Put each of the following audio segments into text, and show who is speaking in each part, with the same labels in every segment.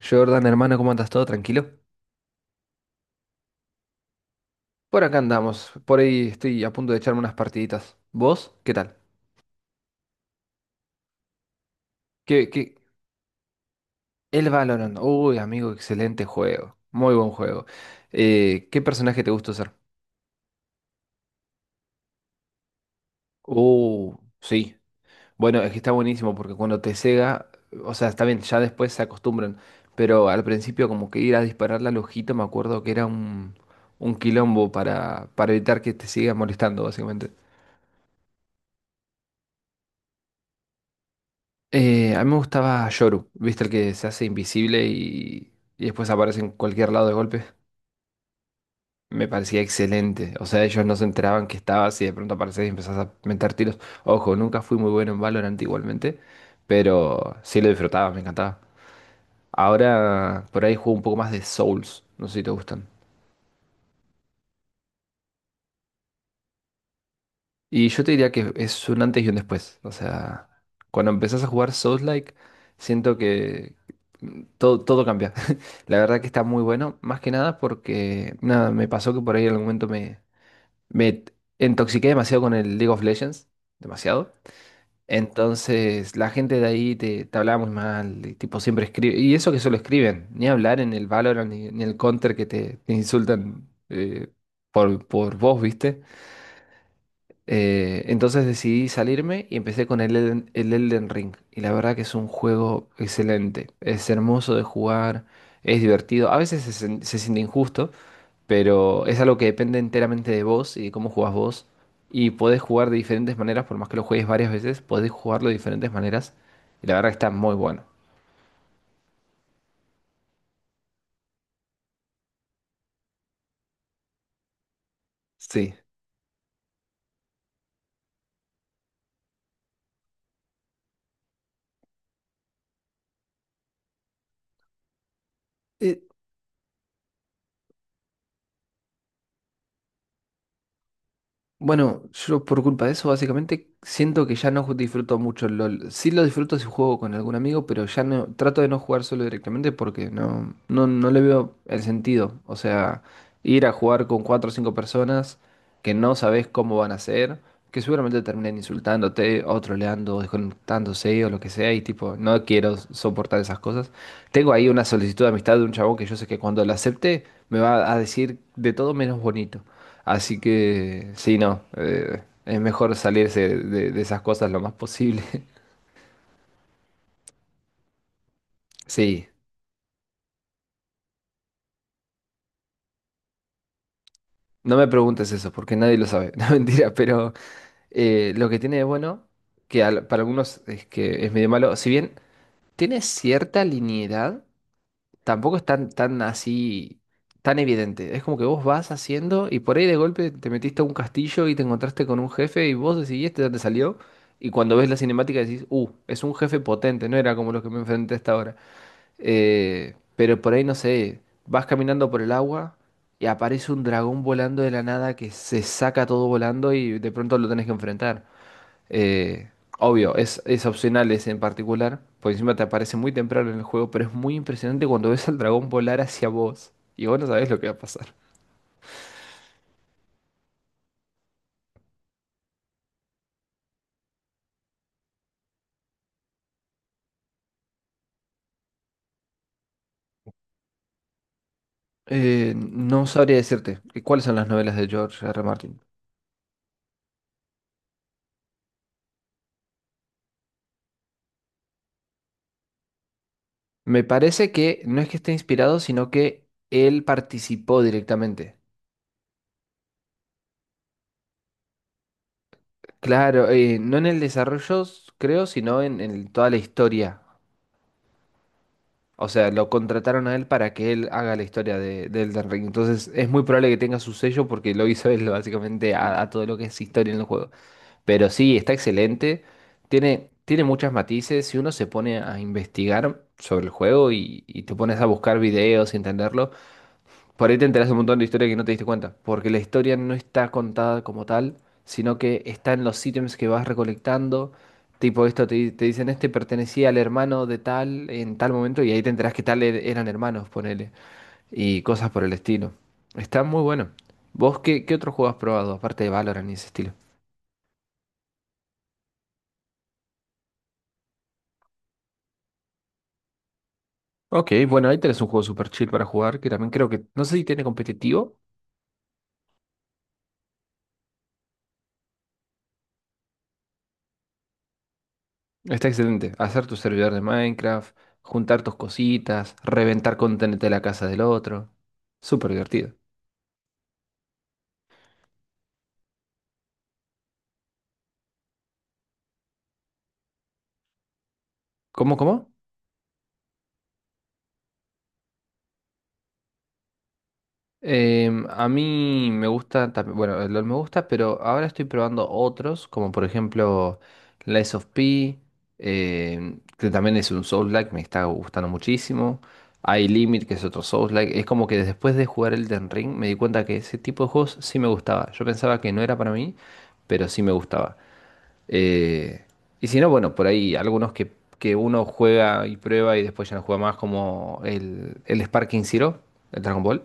Speaker 1: Jordan, hermano, ¿cómo andas? ¿Todo tranquilo? Por acá andamos. Por ahí estoy a punto de echarme unas partiditas. ¿Vos? ¿Qué tal? ¿Qué, qué? El Valorant. Uy, amigo, excelente juego. Muy buen juego. ¿Qué personaje te gusta usar? Uh, sí. Bueno, es que está buenísimo porque cuando te cega, o sea, está bien, ya después se acostumbran. Pero al principio como que ir a dispararle al ojito, me acuerdo que era un quilombo para evitar que te siga molestando, básicamente. A mí me gustaba Yoru, ¿viste? El que se hace invisible y después aparece en cualquier lado de golpe. Me parecía excelente. O sea, ellos no se enteraban que estabas y de pronto apareces y empezás a meter tiros. Ojo, nunca fui muy bueno en Valorant igualmente, pero sí lo disfrutaba, me encantaba. Ahora por ahí juego un poco más de Souls. No sé si te gustan. Y yo te diría que es un antes y un después. O sea, cuando empezás a jugar Souls-like, siento que todo cambia. La verdad que está muy bueno, más que nada porque, nada, me pasó que por ahí en algún momento me intoxiqué demasiado con el League of Legends, demasiado. Entonces, la gente de ahí te hablaba muy mal, y tipo siempre escribe, y eso que solo escriben, ni hablar en el Valorant ni el Counter que te insultan por vos, ¿viste? Entonces decidí salirme y empecé con el el Elden Ring. Y la verdad que es un juego excelente. Es hermoso de jugar, es divertido. A veces se siente injusto, pero es algo que depende enteramente de vos y de cómo jugás vos. Y podés jugar de diferentes maneras, por más que lo juegues varias veces, podés jugarlo de diferentes maneras. Y la verdad que está muy bueno. Sí. Eh, Bueno, yo por culpa de eso básicamente siento que ya no disfruto mucho el LOL. Sí lo disfruto si juego con algún amigo, pero ya no trato de no jugar solo directamente porque no, no, no le veo el sentido. O sea, ir a jugar con cuatro o cinco personas que no sabes cómo van a ser, que seguramente terminen insultándote o troleando o desconectándose o lo que sea y tipo, no quiero soportar esas cosas. Tengo ahí una solicitud de amistad de un chabón que yo sé que cuando la acepte me va a decir de todo menos bonito. Así que sí, no, es mejor salirse de esas cosas lo más posible. Sí, no me preguntes eso porque nadie lo sabe, no mentira, pero lo que tiene de bueno, que para algunos es que es medio malo, si bien tiene cierta linealidad, tampoco es tan así, tan evidente. Es como que vos vas haciendo y por ahí de golpe te metiste a un castillo y te encontraste con un jefe y vos decidiste este ¿dónde salió? Y cuando ves la cinemática decís, es un jefe potente, no era como los que me enfrenté hasta ahora. Pero por ahí no sé, vas caminando por el agua y aparece un dragón volando de la nada que se saca todo volando y de pronto lo tenés que enfrentar. Eh, Obvio, es opcional ese en particular, por encima te aparece muy temprano en el juego, pero es muy impresionante cuando ves al dragón volar hacia vos y vos no sabés lo que va a pasar. No sabría decirte cuáles son las novelas de George R. R. Martin. Me parece que no es que esté inspirado, sino que él participó directamente. Claro, no en el desarrollo, creo, sino en toda la historia. O sea, lo contrataron a él para que él haga la historia de Elden Ring. Entonces, es muy probable que tenga su sello porque lo hizo él básicamente a todo lo que es historia en el juego. Pero sí, está excelente. Tiene muchos matices. Si uno se pone a investigar sobre el juego y te pones a buscar videos y entenderlo, por ahí te enteras un montón de historia que no te diste cuenta, porque la historia no está contada como tal, sino que está en los ítems que vas recolectando. Tipo, esto te dicen, este pertenecía al hermano de tal en tal momento, y ahí te enterás que tal eran hermanos, ponele, y cosas por el estilo. Está muy bueno. ¿Vos qué otro juego has probado, aparte de Valorant y ese estilo? Ok, bueno, ahí tenés un juego super chill para jugar, que también creo que, no sé si tiene competitivo. Está excelente. Hacer tu servidor de Minecraft, juntar tus cositas, reventar con TNT la casa del otro. Súper divertido. ¿Cómo, cómo? Em, a mí me gusta también, bueno, el LoL me gusta, pero ahora estoy probando otros, como por ejemplo Lies of P, em, que también es un Soulslike, me está gustando muchísimo. Hay Limit, que es otro Soulslike. Es como que después de jugar Elden Ring me di cuenta que ese tipo de juegos sí me gustaba. Yo pensaba que no era para mí, pero sí me gustaba. Eh, y si no, bueno, por ahí algunos que uno juega y prueba y después ya no juega más, como el Sparking Zero, el Dragon Ball.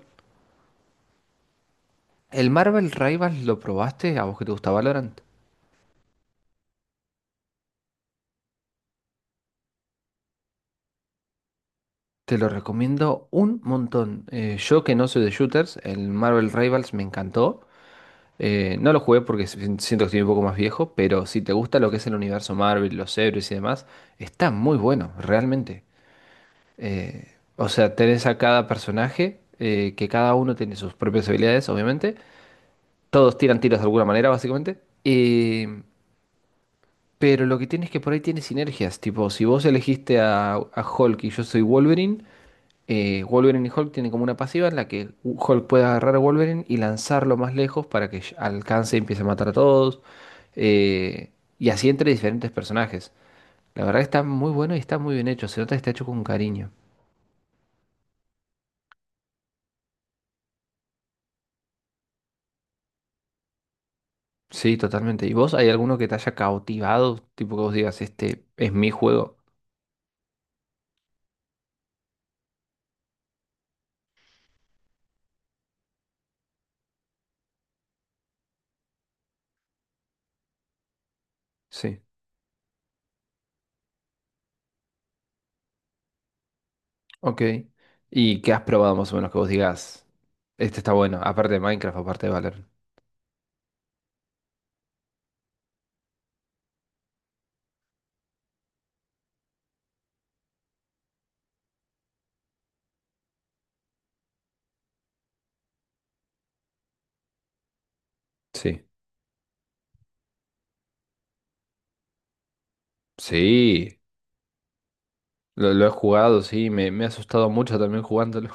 Speaker 1: ¿El Marvel Rivals lo probaste? ¿A vos que te gusta Valorant? Te lo recomiendo un montón. Yo que no soy de shooters, el Marvel Rivals me encantó. No lo jugué porque siento que estoy un poco más viejo, pero si te gusta lo que es el universo Marvel, los héroes y demás, está muy bueno, realmente. O sea, tenés a cada personaje, que cada uno tiene sus propias habilidades, obviamente. Todos tiran tiros de alguna manera, básicamente. Pero lo que tiene es que por ahí tiene sinergias. Tipo, si vos elegiste a Hulk y yo soy Wolverine, Wolverine y Hulk tienen como una pasiva en la que Hulk puede agarrar a Wolverine y lanzarlo más lejos para que alcance y empiece a matar a todos. Eh, y así entre diferentes personajes. La verdad que está muy bueno y está muy bien hecho. Se nota que está hecho con cariño. Sí, totalmente. ¿Y vos hay alguno que te haya cautivado? Tipo que vos digas, este es mi juego. Sí, ok. ¿Y qué has probado más o menos que vos digas, este está bueno, aparte de Minecraft, aparte de Valorant? Sí. Sí, lo he jugado, sí, me he asustado mucho también jugándolo.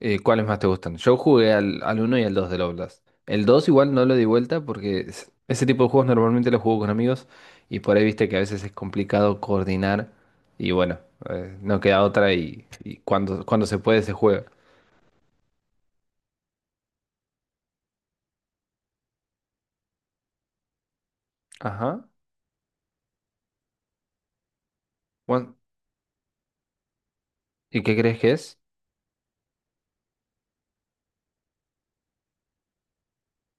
Speaker 1: ¿Cuáles más te gustan? Yo jugué al 1 y al 2 del Oblast. El 2 igual no lo di vuelta porque ese tipo de juegos normalmente los juego con amigos y por ahí viste que a veces es complicado coordinar y bueno, no queda otra y cuando se puede se juega. Ajá. Bueno, ¿y qué crees que es?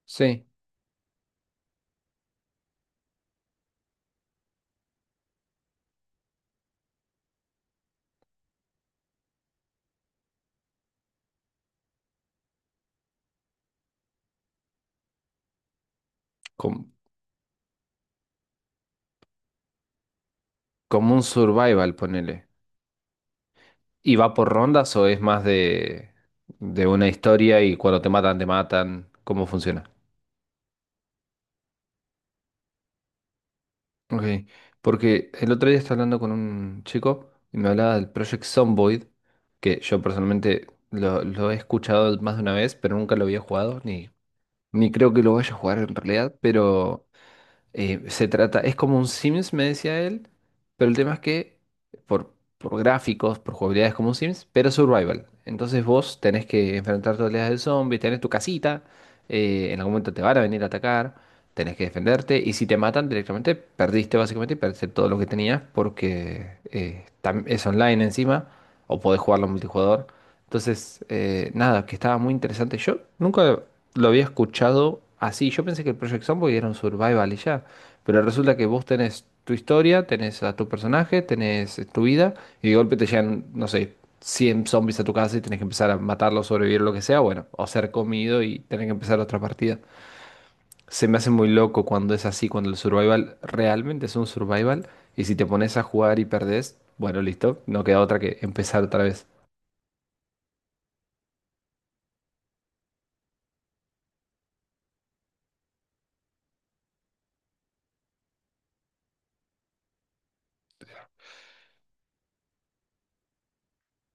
Speaker 1: Sí, com- como un survival, ponele. ¿Y va por rondas o es más de una historia y cuando te matan, te matan? ¿Cómo funciona? Ok, porque el otro día estaba hablando con un chico y me hablaba del Project Zomboid, que yo personalmente lo he escuchado más de una vez, pero nunca lo había jugado, ni, ni creo que lo vaya a jugar en realidad, pero se trata, es como un Sims, me decía él, pero el tema es que por, por gráficos, por jugabilidad es como un Sims, pero survival. Entonces vos tenés que enfrentar todas las del zombie, tenés tu casita, en algún momento te van a venir a atacar, tenés que defenderte y si te matan directamente perdiste básicamente y perdiste todo lo que tenías porque es online encima o podés jugarlo en multijugador. Entonces, nada, que estaba muy interesante. Yo nunca lo había escuchado así. Yo pensé que el Project Zomboid era un survival y ya. Pero resulta que vos tenés tu historia, tenés a tu personaje, tenés tu vida y de golpe te llegan, no sé, 100 zombies a tu casa y tenés que empezar a matarlos, sobrevivir, lo que sea, bueno, o ser comido y tener que empezar otra partida. Se me hace muy loco cuando es así, cuando el survival realmente es un survival y si te pones a jugar y perdés, bueno, listo, no queda otra que empezar otra vez.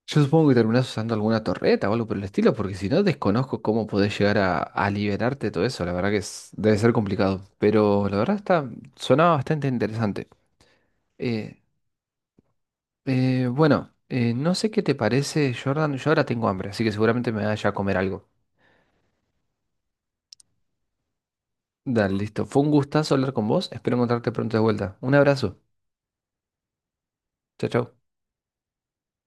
Speaker 1: Yo supongo que terminás usando alguna torreta o algo por el estilo, porque si no desconozco cómo podés llegar a liberarte de todo eso, la verdad que debe ser complicado, pero la verdad está, sonaba bastante interesante. Eh, bueno, no sé qué te parece, Jordan. Yo ahora tengo hambre, así que seguramente me vaya a comer algo. Dale, listo. Fue un gustazo hablar con vos. Espero encontrarte pronto de vuelta. Un abrazo. Chao, chao.